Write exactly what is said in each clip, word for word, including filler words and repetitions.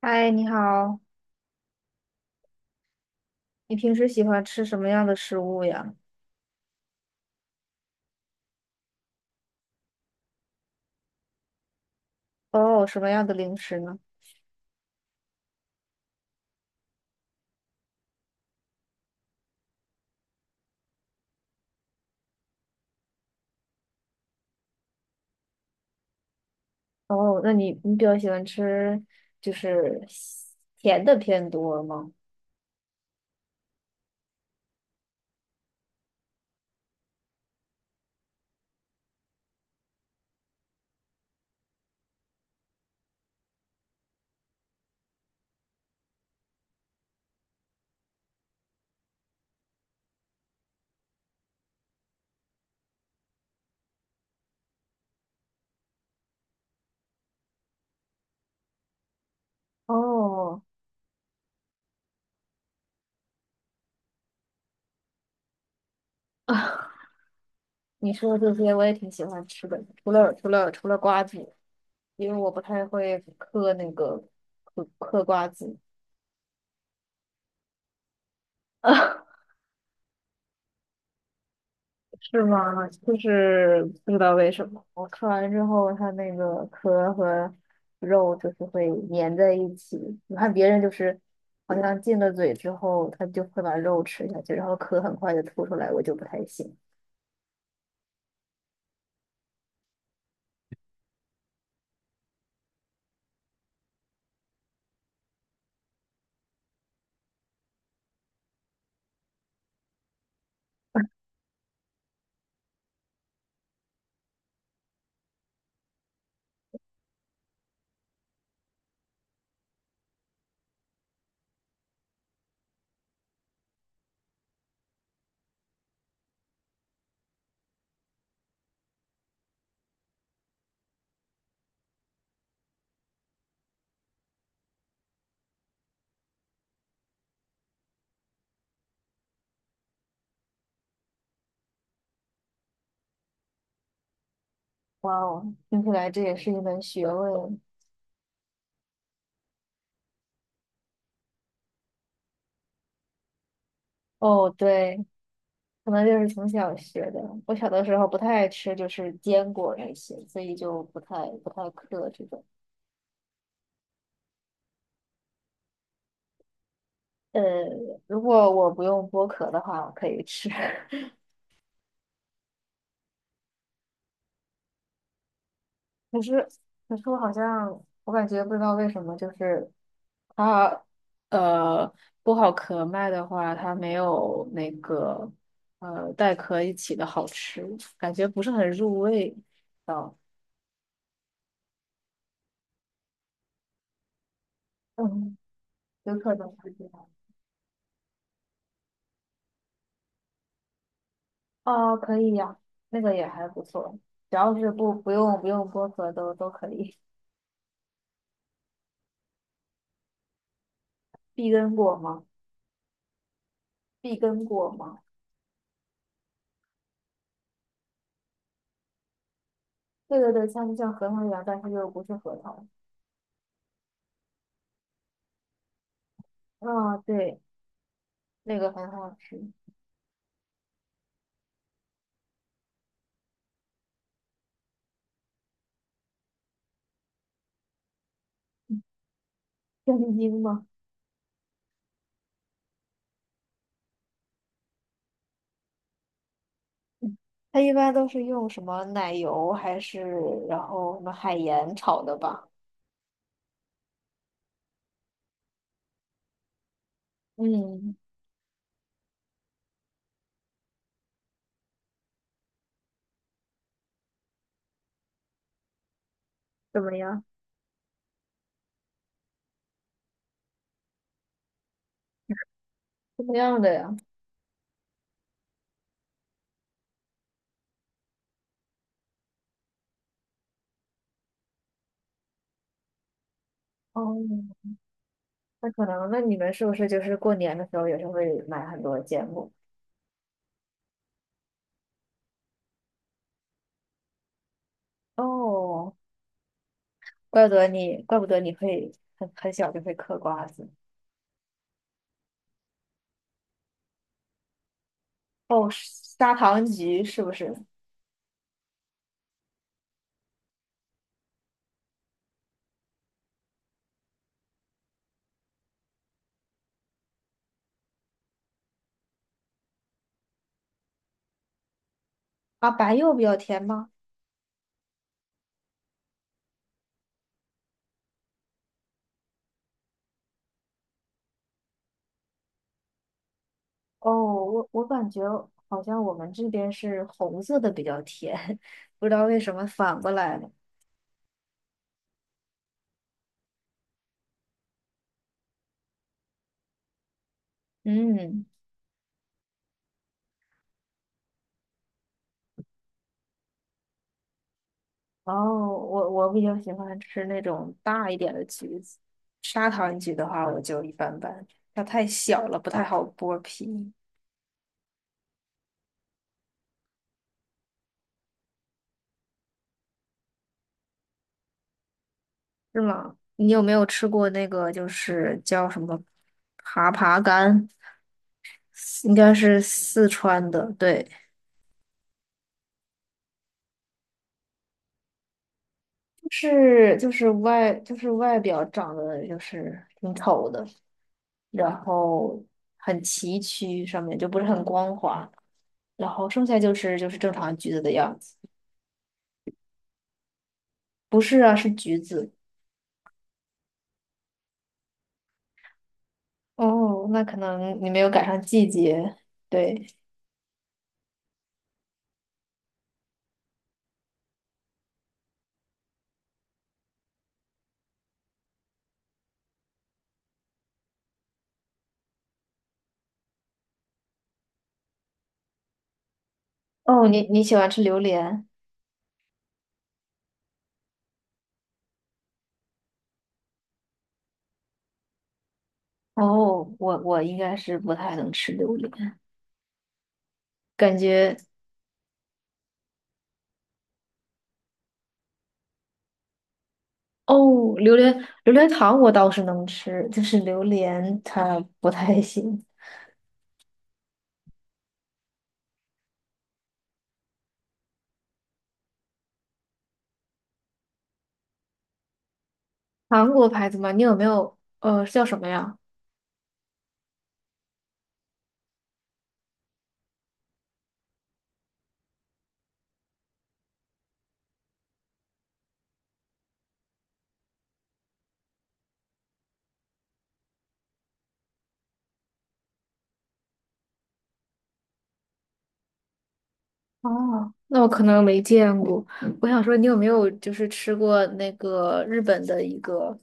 嗨，你好，你平时喜欢吃什么样的食物呀？哦，什么样的零食呢？哦，那你你比较喜欢吃就是西甜的偏多吗？哦，你说的这些我也挺喜欢吃的，除了除了除了瓜子，因为我不太会嗑那个嗑嗑瓜子。是吗？就是不知道为什么，我吃完之后，它那个壳和肉就是会粘在一起。你看别人就是好像进了嘴之后，他就会把肉吃下去，然后壳很快就吐出来，我就不太行。哇哦，听起来这也是一门学问。哦，对，可能就是从小学的。我小的时候不太爱吃，就是坚果那些，所以就不太不太嗑这种。呃，如果我不用剥壳的话，我可以吃。可是，可是我好像，我感觉不知道为什么，就是它，呃，剥好壳卖的话，它没有那个，呃，带壳一起的好吃，感觉不是很入味。哦，嗯，有可能是这样。哦，可以呀，那个也还不错，只要是不不用不用剥壳都都可以。碧根果吗？碧根果吗？对对对，像像核桃一样，但是又不是核桃。啊、对，那个很好吃。香精吗？它一般都是用什么奶油还是然后什么海盐炒的吧？嗯，怎么样？是这样的呀。哦，那可能，那你们是不是就是过年的时候也是会买很多芥末？哦，怪不得你，怪不得你会很很小就会嗑瓜子。哦，砂糖橘是不是？啊，白柚比较甜吗？哦，我我感觉好像我们这边是红色的比较甜，不知道为什么反过来了。嗯。哦，我我比较喜欢吃那种大一点的橘子，砂糖橘的话我就一般般，它太小了不太好剥皮，是吗？你有没有吃过那个就是叫什么爬爬柑？应该是四川的，对，是就是外就是外表长得就是挺丑的，然后很崎岖，上面就不是很光滑，然后剩下就是就是正常橘子的样子。不是啊，是橘子。哦，那可能你没有赶上季节。对，哦，你你喜欢吃榴莲？哦，我我应该是不太能吃榴莲，感觉哦，榴莲榴莲糖我倒是能吃，就是榴莲它不太行。韩国牌子吗？你有没有呃叫什么呀？哦，那我可能没见过。我想说，你有没有就是吃过那个日本的一个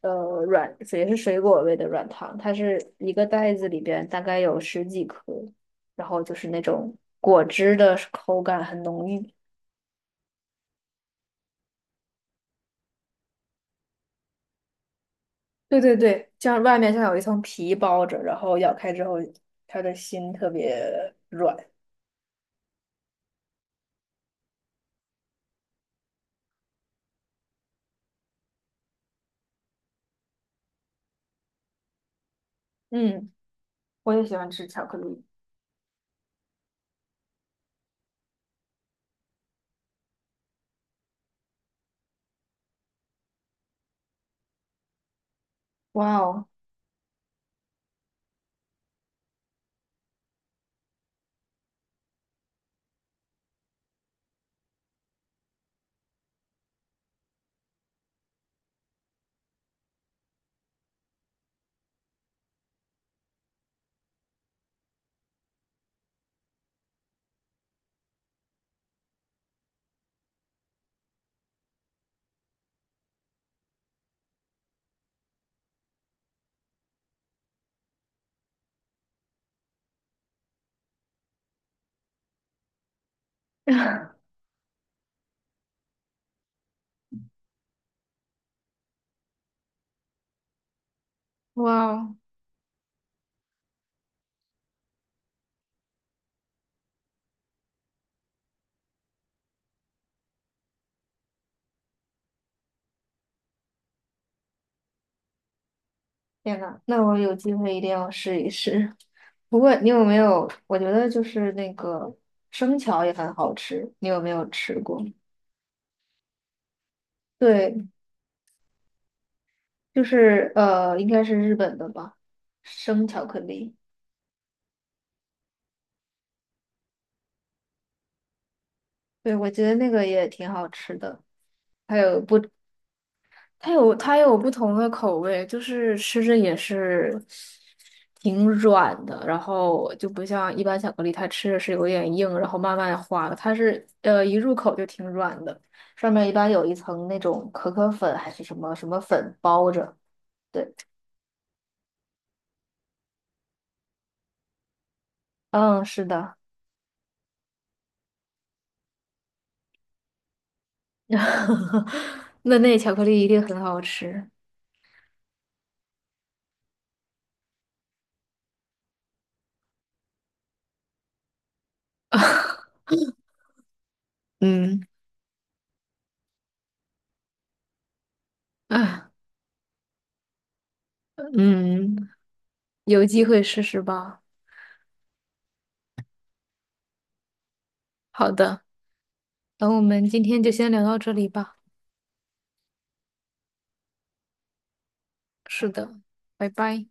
呃软，也是水果味的软糖？它是一个袋子里边大概有十几颗，然后就是那种果汁的口感很浓郁。对对对，像外面像有一层皮包着，然后咬开之后，它的心特别软。嗯，我也喜欢吃巧克力。哇哦，哇哦，天呐，那我有机会一定要试一试。不过你有没有？我觉得就是那个生巧也很好吃，你有没有吃过？对，就是呃，应该是日本的吧，生巧克力。对，我觉得那个也挺好吃的。还有不它有它有不同的口味，就是吃着也是挺软的，然后就不像一般巧克力，它吃着是有点硬，然后慢慢化的。它是呃一入口就挺软的，上面一般有一层那种可可粉还是什么什么粉包着。嗯，是的，那那巧克力一定很好吃。嗯啊嗯，有机会试试吧。好的，那我们今天就先聊到这里吧。是的，拜拜。